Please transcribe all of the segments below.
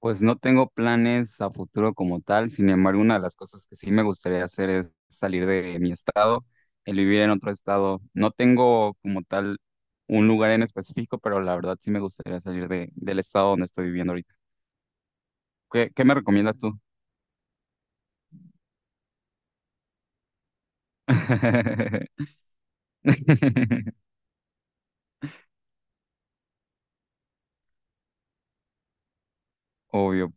Pues no tengo planes a futuro como tal, sin embargo, una de las cosas que sí me gustaría hacer es salir de mi estado, el vivir en otro estado. No tengo como tal un lugar en específico, pero la verdad sí me gustaría salir del estado donde estoy viviendo ahorita. ¿¿Qué me recomiendas tú? Obvio.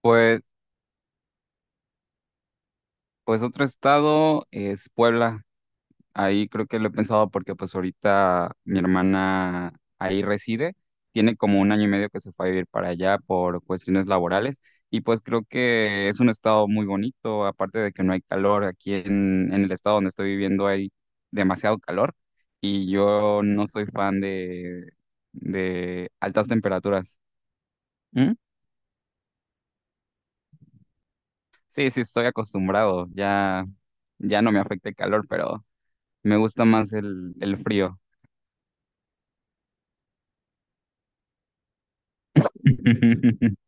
Pues, pues otro estado es Puebla. Ahí creo que lo he pensado porque pues ahorita mi hermana ahí reside, tiene como un año y medio que se fue a vivir para allá por cuestiones laborales y pues creo que es un estado muy bonito, aparte de que no hay calor, aquí en el estado donde estoy viviendo hay demasiado calor y yo no soy fan de altas temperaturas. ¿Mm? Sí, sí, estoy acostumbrado, ya, ya no me afecta el calor, pero me gusta más el frío.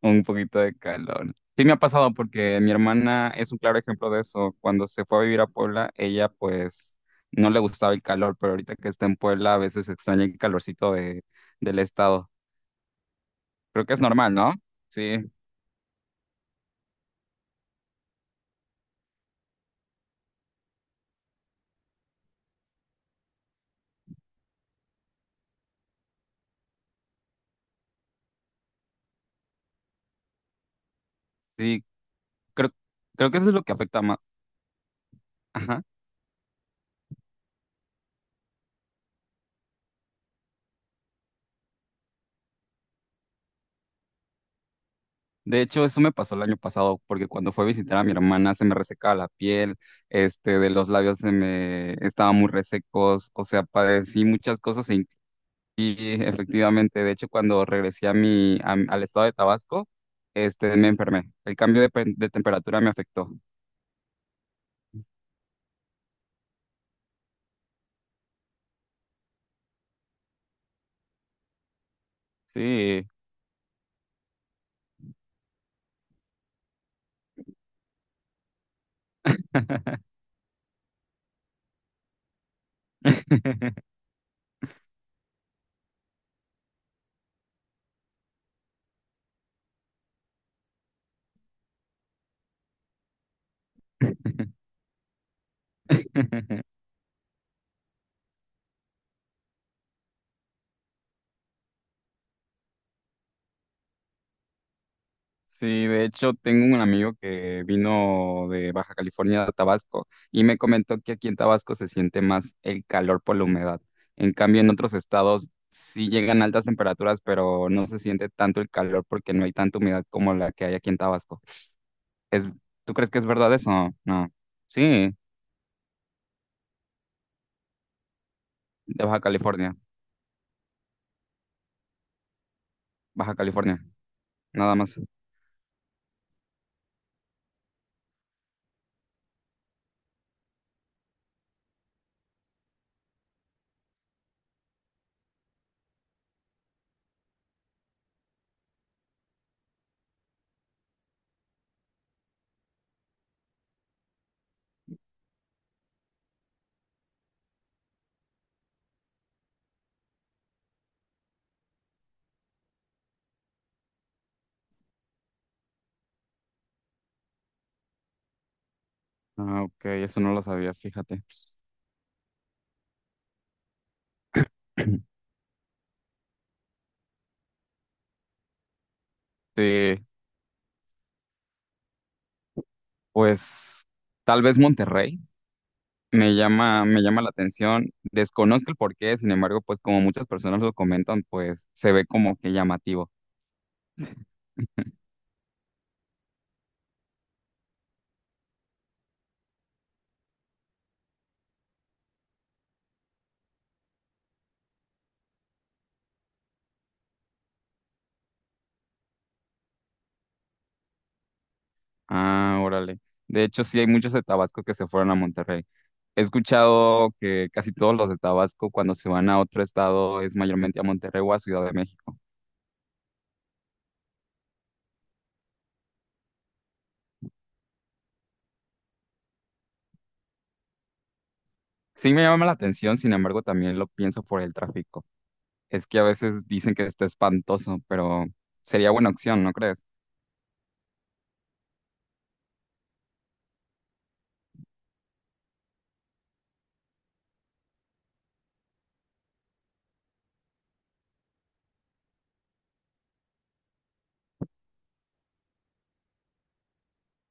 Un poquito de calor. Sí me ha pasado porque mi hermana es un claro ejemplo de eso. Cuando se fue a vivir a Puebla, ella pues no le gustaba el calor, pero ahorita que está en Puebla a veces extraña el calorcito del estado. Creo que es normal, ¿no? Sí, sí, creo, Creo que eso es lo que afecta más. Ajá. De hecho, eso me pasó el año pasado porque cuando fue a visitar a mi hermana se me resecaba la piel, este, de los labios se me estaban muy resecos, o sea, padecí muchas cosas. Y efectivamente, de hecho, cuando regresé a mi, al estado de Tabasco, este, me enfermé. El cambio de, de temperatura me afectó. Sí. Sí, de hecho, tengo un amigo que vino de Baja California a Tabasco y me comentó que aquí en Tabasco se siente más el calor por la humedad. En cambio, en otros estados sí llegan altas temperaturas, pero no se siente tanto el calor porque no hay tanta humedad como la que hay aquí en Tabasco. Es, ¿tú crees que es verdad eso? No. Sí, de Baja California. Baja California, nada más. Ah, ok, eso no lo sabía, fíjate. Sí, pues tal vez Monterrey me llama la atención. Desconozco el porqué, sin embargo, pues como muchas personas lo comentan, pues se ve como que llamativo. Ah, órale. De hecho, sí hay muchos de Tabasco que se fueron a Monterrey. He escuchado que casi todos los de Tabasco cuando se van a otro estado es mayormente a Monterrey o a Ciudad de México. Sí me llama la atención, sin embargo, también lo pienso por el tráfico. Es que a veces dicen que está espantoso, pero sería buena opción, ¿no crees?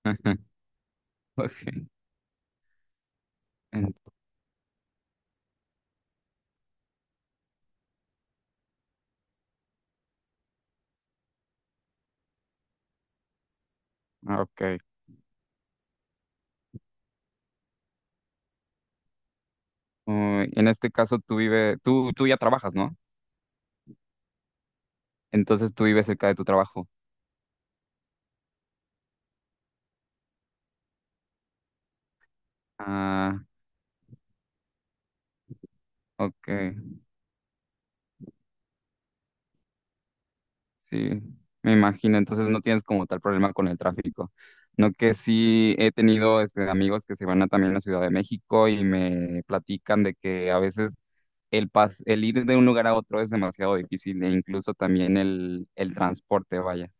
Ok. en- ah, ok. Uy, en este caso tú vives, tú ya trabajas, ¿no? Entonces tú vives cerca de tu trabajo. Ah, ok. Sí, me imagino. Entonces no tienes como tal problema con el tráfico. No que sí he tenido este, amigos que se van a también a Ciudad de México y me platican de que a veces el, pas el ir de un lugar a otro es demasiado difícil e incluso también el transporte, vaya.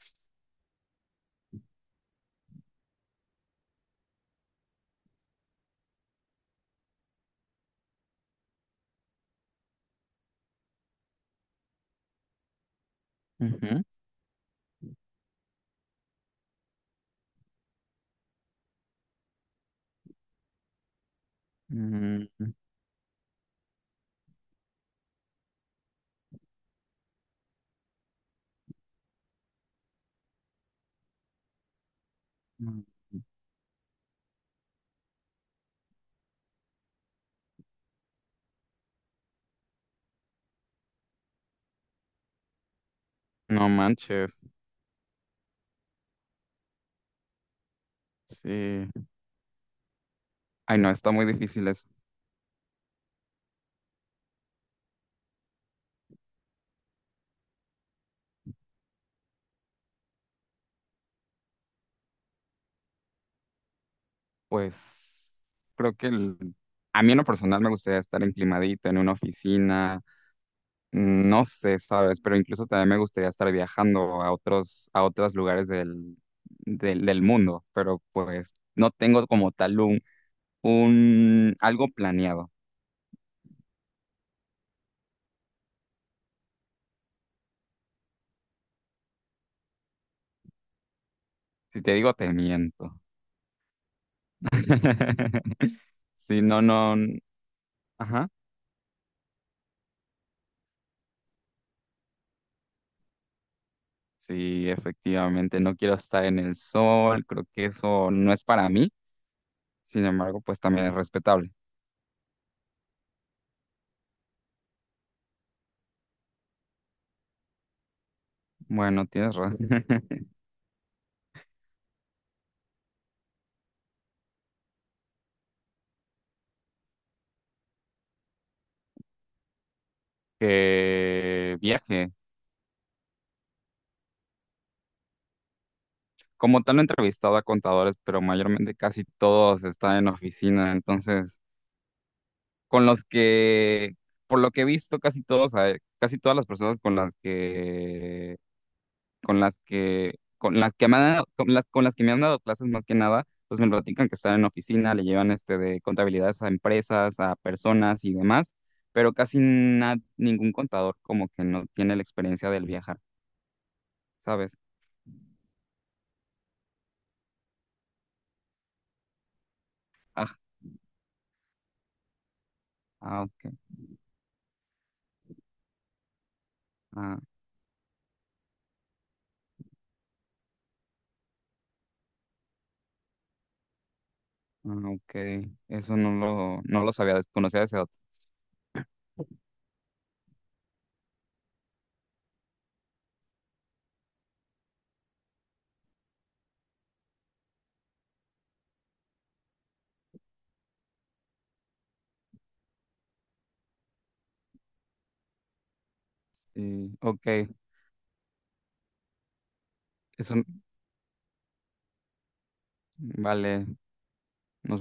Ujú. Mm, mm, No manches, sí. Ay, no, está muy difícil eso. Pues creo que a mí en lo personal me gustaría estar enclimadito en una oficina, mm, no sé, ¿sabes? Pero incluso también me gustaría estar viajando a otros lugares del mundo, pero pues no tengo como tal un algo planeado. Si te digo, te miento. Sí, no, no. Ajá. Sí, efectivamente, no quiero estar en el sol. Creo que eso no es para mí. Sin embargo, pues también es respetable. Bueno, tienes razón. Que viaje. Como tal, no he entrevistado a contadores, pero mayormente casi todos están en oficina. Entonces, con los que, por lo que he visto, casi todos, casi todas las personas con las que con las que, con las que me han dado, con las que me han dado clases más que nada, pues me platican que están en oficina, le llevan este de contabilidades a empresas, a personas y demás, pero casi ningún contador como que no tiene la experiencia del viajar, ¿sabes? Ah, ok, ah, ok, eso no no lo sabía, desconocía ese dato. Sí, ok, eso, vale, nos vemos.